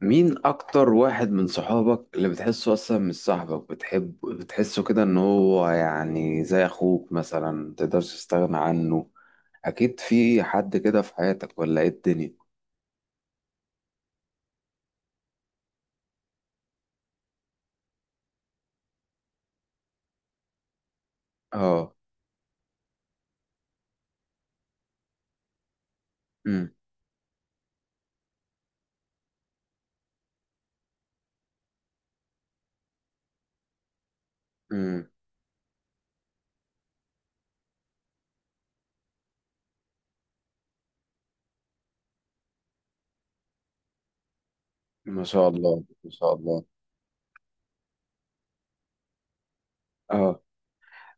مين أكتر واحد من صحابك اللي بتحسه أصلا مش صاحبك، بتحب بتحسه كده إن هو يعني زي أخوك مثلا متقدرش تستغنى عنه؟ أكيد في حد كده في حياتك ولا إيه الدنيا؟ آه. أمم. أمم. ما شاء الله ما شاء الله. آه.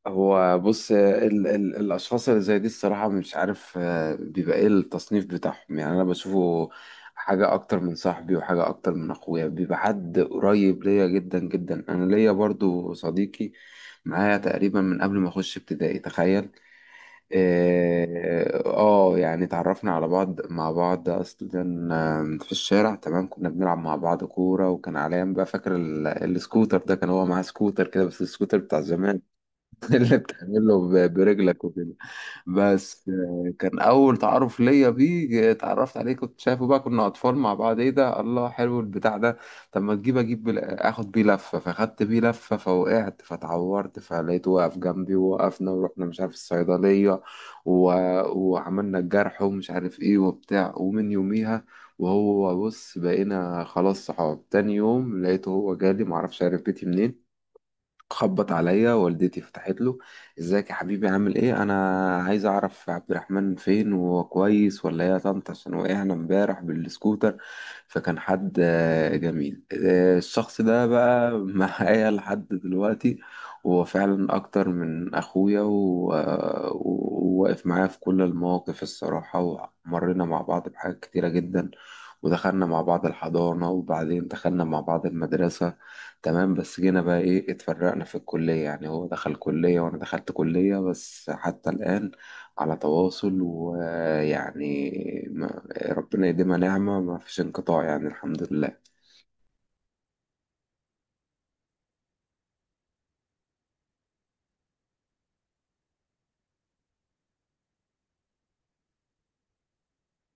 هو بص، ال الأشخاص اللي زي دي الصراحة مش عارف بيبقى إيه التصنيف بتاعهم، يعني أنا بشوفه حاجة أكتر من صاحبي وحاجة أكتر من أخويا، بيبقى حد قريب ليا جدا جدا. أنا ليا برضو صديقي معايا تقريبا من قبل ما أخش ابتدائي، تخيل. يعني اتعرفنا على بعض مع بعض أصلا في الشارع. تمام، كنا بنلعب مع بعض كورة، وكان عليا بقى فاكر السكوتر ده، كان هو معاه سكوتر كده بس السكوتر بتاع زمان، اللي بتعمله برجلك وكده. بس كان اول تعارف ليا بيه، اتعرفت عليه كنت شايفه بقى، كنا اطفال مع بعض، ايه ده؟ الله حلو البتاع ده. طب ما تجيب اجيب اخد بيه لفه. فاخدت بيه لفه فوقعت فتعورت، فلقيته واقف جنبي ووقفنا ورحنا مش عارف الصيدليه، و... وعملنا الجرح ومش عارف ايه وبتاع. ومن يوميها، وهو بص، بقينا خلاص صحاب. تاني يوم لقيته هو جالي، معرفش عرف بيتي منين، خبط عليا، والدتي فتحت له: ازيك يا حبيبي عامل ايه، انا عايز اعرف عبد الرحمن فين وهو كويس ولا ايه يا طنط عشان وقعنا امبارح بالسكوتر. فكان حد جميل، الشخص ده بقى معايا لحد دلوقتي. وهو فعلا اكتر من اخويا وواقف معايا في كل المواقف الصراحة. ومرينا مع بعض بحاجات كتيرة جدا، ودخلنا مع بعض الحضانة، وبعدين دخلنا مع بعض المدرسة. تمام، بس جينا بقى ايه، اتفرقنا في الكلية، يعني هو دخل كلية وانا دخلت كلية. بس حتى الآن على تواصل، ويعني ربنا يديمها نعمة، ما فيش انقطاع يعني الحمد لله.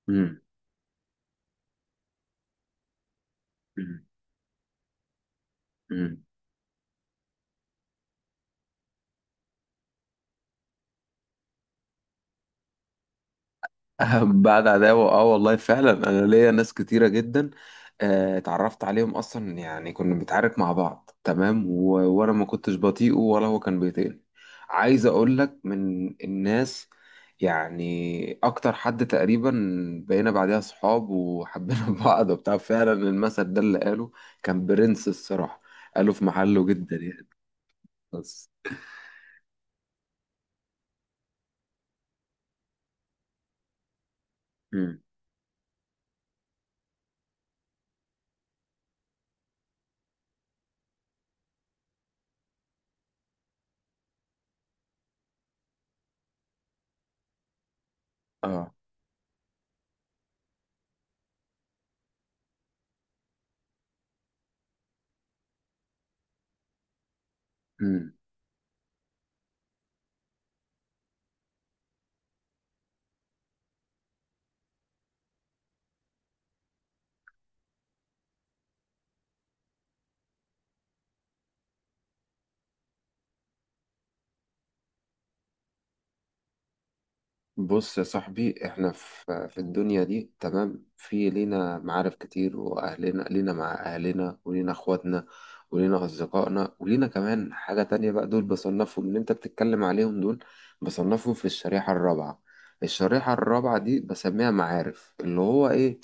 مم. مم. بعد عداوة، اه والله فعلا، انا ليا ناس كتيرة جدا اتعرفت عليهم اصلا يعني كنا بنتعارك مع بعض تمام، وانا ما كنتش بطيئه ولا هو كان بيطيقني. عايز اقول لك من الناس، يعني اكتر حد تقريبا بقينا بعدها صحاب وحبينا بعض وبتاع. فعلا المثل ده اللي قاله كان برنس الصراحة، قاله في محله جدا يعني، بس. مم. اه، بص يا صاحبي، احنا في الدنيا دي تمام، في لينا معارف كتير، واهلنا لينا مع اهلنا، ولينا اخواتنا، ولينا اصدقائنا، ولينا كمان حاجة تانية بقى، دول بصنفهم اللي انت بتتكلم عليهم. دول بصنفهم في الشريحة الرابعة. الشريحة الرابعة دي بسميها معارف، اللي هو ايه،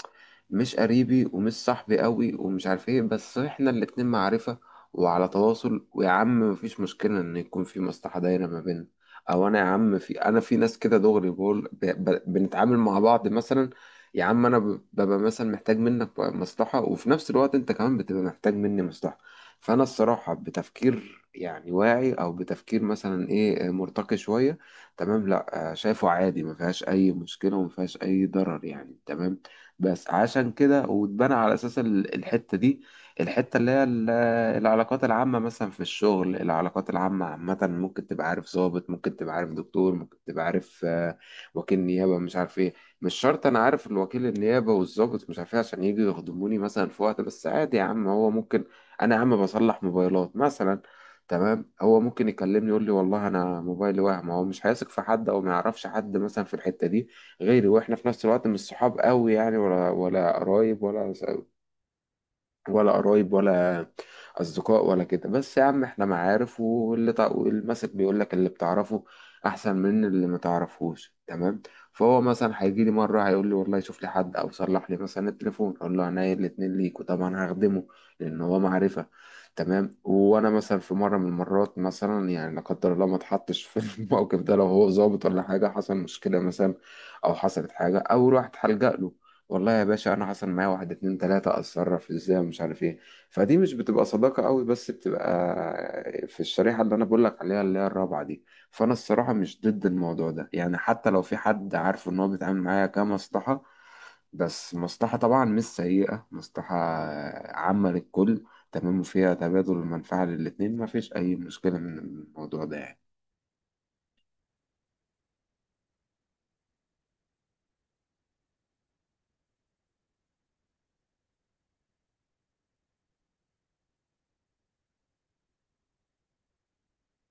مش قريبي ومش صاحبي قوي ومش عارف ايه، بس احنا الاتنين معرفة وعلى تواصل، ويا عم مفيش مشكلة ان يكون في مصلحة دايرة ما بيننا. او انا يا عم في، انا في ناس كده دغري بقول بنتعامل مع بعض مثلا. يا عم انا ببقى مثلا محتاج منك مصلحة، وفي نفس الوقت انت كمان بتبقى محتاج مني مصلحة. فانا الصراحة بتفكير يعني واعي، او بتفكير مثلا ايه مرتقي شوية، تمام، لا شايفه عادي، ما فيهاش اي مشكلة وما فيهاش اي ضرر يعني تمام. بس عشان كده واتبنى على اساس الحتة دي، الحتة اللي هي العلاقات العامة مثلا في الشغل. العلاقات العامة عامة، ممكن تبقى عارف ضابط، ممكن تبقى عارف دكتور، ممكن تبقى عارف وكيل نيابة مش عارف ايه. مش شرط انا عارف الوكيل النيابة والضابط مش عارف ايه عشان يجوا يخدموني مثلا في وقت، بس عادي يا عم، هو ممكن، انا يا عم بصلح موبايلات مثلا تمام، هو ممكن يكلمني يقول لي والله انا موبايلي وهم، هو مش هيثق في حد او ما يعرفش حد مثلا في الحتة دي غيري، واحنا في نفس الوقت مش صحاب قوي يعني، ولا قرايب ولا قرايب ولا اصدقاء ولا كده، بس يا عم احنا معارف. المثل بيقول لك اللي بتعرفه احسن من اللي ما تعرفهوش تمام. فهو مثلا هيجي لي مره هيقول لي والله شوف لي حد او صلح لي مثلا التليفون، اقول له عينيا الاتنين ليك وطبعا هخدمه لان هو معرفه تمام. وانا مثلا في مره من المرات مثلا يعني، لا قدر الله ما اتحطش في الموقف ده، لو هو ظابط ولا حاجه حصل مشكله مثلا، او حصلت حاجه او رحت هلجأ له: والله يا باشا انا حصل معايا واحد اتنين تلاتة، اتصرف ازاي ومش عارف ايه. فدي مش بتبقى صداقة قوي، بس بتبقى في الشريحة اللي انا بقولك عليها اللي هي الرابعة دي. فانا الصراحة مش ضد الموضوع ده يعني، حتى لو في حد عارفه ان هو بيتعامل معايا كمصلحة، بس مصلحة طبعا مش سيئة، مصلحة عامة للكل تمام، وفيها تبادل المنفعة للاتنين، مفيش اي مشكلة من الموضوع ده يعني.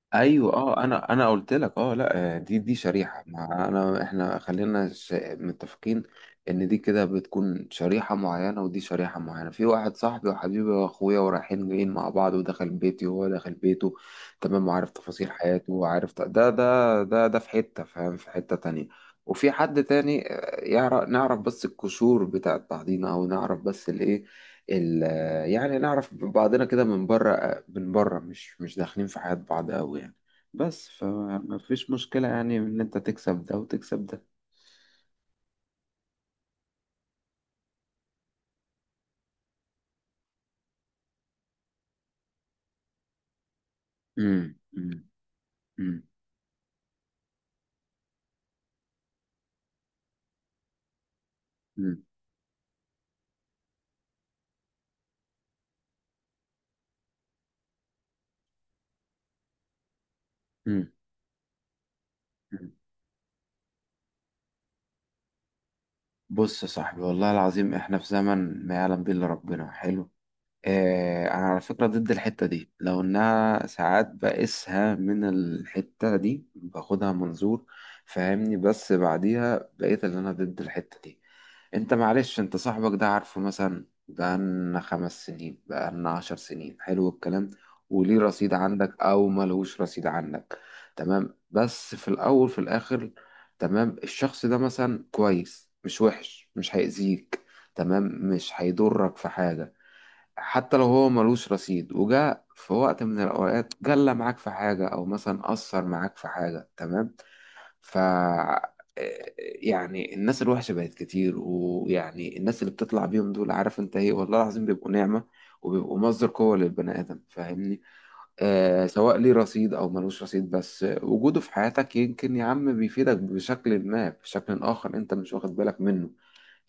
ايوه، اه انا قلت لك، اه لا، دي شريحه، ما انا، احنا خلينا متفقين ان دي كده بتكون شريحه معينه، ودي شريحه معينه، في واحد صاحبي وحبيبي واخويا ورايحين جايين مع بعض، ودخل بيتي وهو دخل بيته تمام، وعارف تفاصيل حياته وعارف ده في حته، فاهم، في حته تانية. وفي حد تاني نعرف بس القشور بتاعت بعضينا، او نعرف بس الايه ال- يعني نعرف بعضنا كده من بره، من بره، مش داخلين في حياة بعض قوي يعني، بس فما فيش مشكلة يعني ان انت تكسب ده وتكسب ده. مم. مم. مم. مم. مم. مم. بص يا صاحبي، والله العظيم احنا في زمن ما يعلم به الا ربنا. حلو، اه، انا على فكرة ضد الحتة دي. لو انها ساعات بقيسها من الحتة دي، باخدها منظور، فاهمني، بس بعديها بقيت اللي انا ضد الحتة دي. انت معلش، انت صاحبك ده عارفه مثلا بقالنا خمس سنين، بقالنا عشر سنين، حلو الكلام، وليه رصيد عندك او ملهوش رصيد عندك تمام. بس في الاول في الاخر، تمام، الشخص ده مثلا كويس مش وحش، مش هيأذيك تمام، مش هيضرك في حاجة. حتى لو هو ملوش رصيد، وجاء في وقت من الأوقات جلى معاك في حاجة، أو مثلا أثر معاك في حاجة تمام. ف آه، يعني الناس الوحشة بقت كتير، ويعني الناس اللي بتطلع بيهم دول عارف انت ايه، والله العظيم بيبقوا نعمة وبيبقوا مصدر قوة للبني آدم، فاهمني. سواء ليه رصيد أو ملوش رصيد، بس وجوده في حياتك يمكن يا عم بيفيدك بشكل ما، بشكل آخر انت مش واخد بالك منه.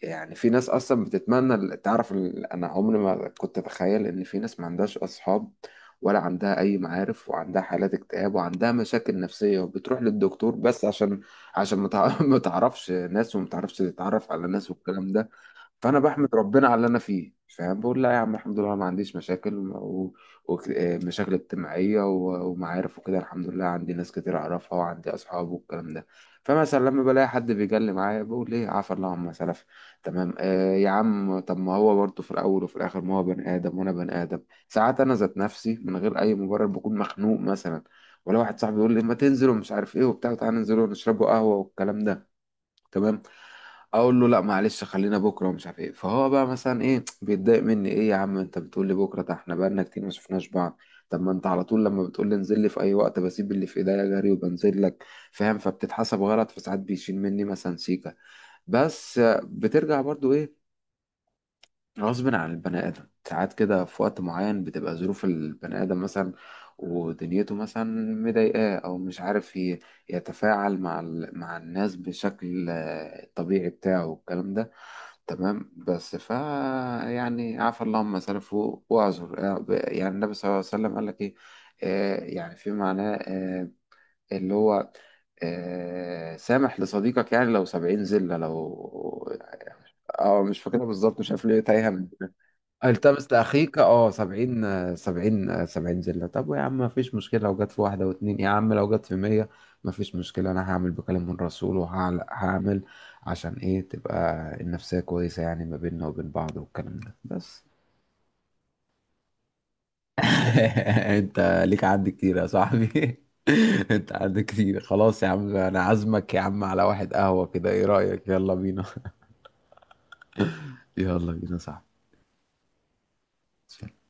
يعني في ناس اصلا بتتمنى تعرف انا عمري ما كنت اتخيل ان في ناس ما عندهاش اصحاب، ولا عندها اي معارف، وعندها حالات اكتئاب، وعندها مشاكل نفسية، وبتروح للدكتور بس عشان ما تع- ما تعرفش ناس وما تعرفش تتعرف على ناس والكلام ده. فانا بحمد ربنا على اللي انا فيه، فاهم، بقول لا يا عم الحمد لله أنا ما عنديش مشاكل، ومشاكل اجتماعيه ومعارف وكده، الحمد لله عندي ناس كتير اعرفها وعندي اصحاب والكلام ده. فمثلا لما بلاقي حد بيجلي معايا، بقول ايه، عفا الله عما سلف تمام. آه يا عم، طب ما هو برضه في الاول وفي الاخر ما هو بني ادم وانا بني ادم، ساعات انا ذات نفسي من غير اي مبرر بكون مخنوق مثلا، ولا واحد صاحبي يقول لي ما تنزل ومش عارف ايه وبتاع تعالى ننزل ونشربوا قهوه والكلام ده تمام، اقول له لا معلش، خلينا بكره ومش عارف ايه. فهو بقى مثلا ايه بيتضايق مني، ايه يا عم انت بتقول لي بكره، ده احنا بقالنا كتير ما شفناش بعض. طب ما انت على طول لما بتقول لي انزل لي في اي وقت بسيب اللي في ايديا جري وبنزل لك، فاهم. فبتتحسب غلط، فساعات بيشيل مني مثلا سيكه. بس بترجع برضو ايه، غصب عن البني ادم، ساعات كده في وقت معين بتبقى ظروف البني ادم مثلا، ودنيته مثلا مضايقاه، او مش عارف يتفاعل مع مع الناس بشكل الطبيعي بتاعه والكلام ده، تمام، بس. يعني عفى الله عما سلف واعذر، يعني النبي صلى الله عليه وسلم قال لك ايه، يعني في معناه، اللي هو سامح لصديقك يعني لو 70 ذلة، لو، اه مش فاكرها بالظبط، مش عارف ليه تايهة مني. التمس لاخيك، اه 70، 70، 70 زله. طب يا عم ما فيش مشكله لو جت في واحده واتنين، يا عم لو جت في 100، ما فيش مشكله انا هعمل بكلام من رسول، وهعمل عشان ايه، تبقى النفسيه كويسه يعني ما بيننا وبين بعض والكلام ده، بس. انت ليك عد كتير يا صاحبي، انت عد كتير. خلاص يا عم انا عازمك يا عم على واحد قهوه كده، ايه رايك، يلا بينا. يلا بينا صاحبي.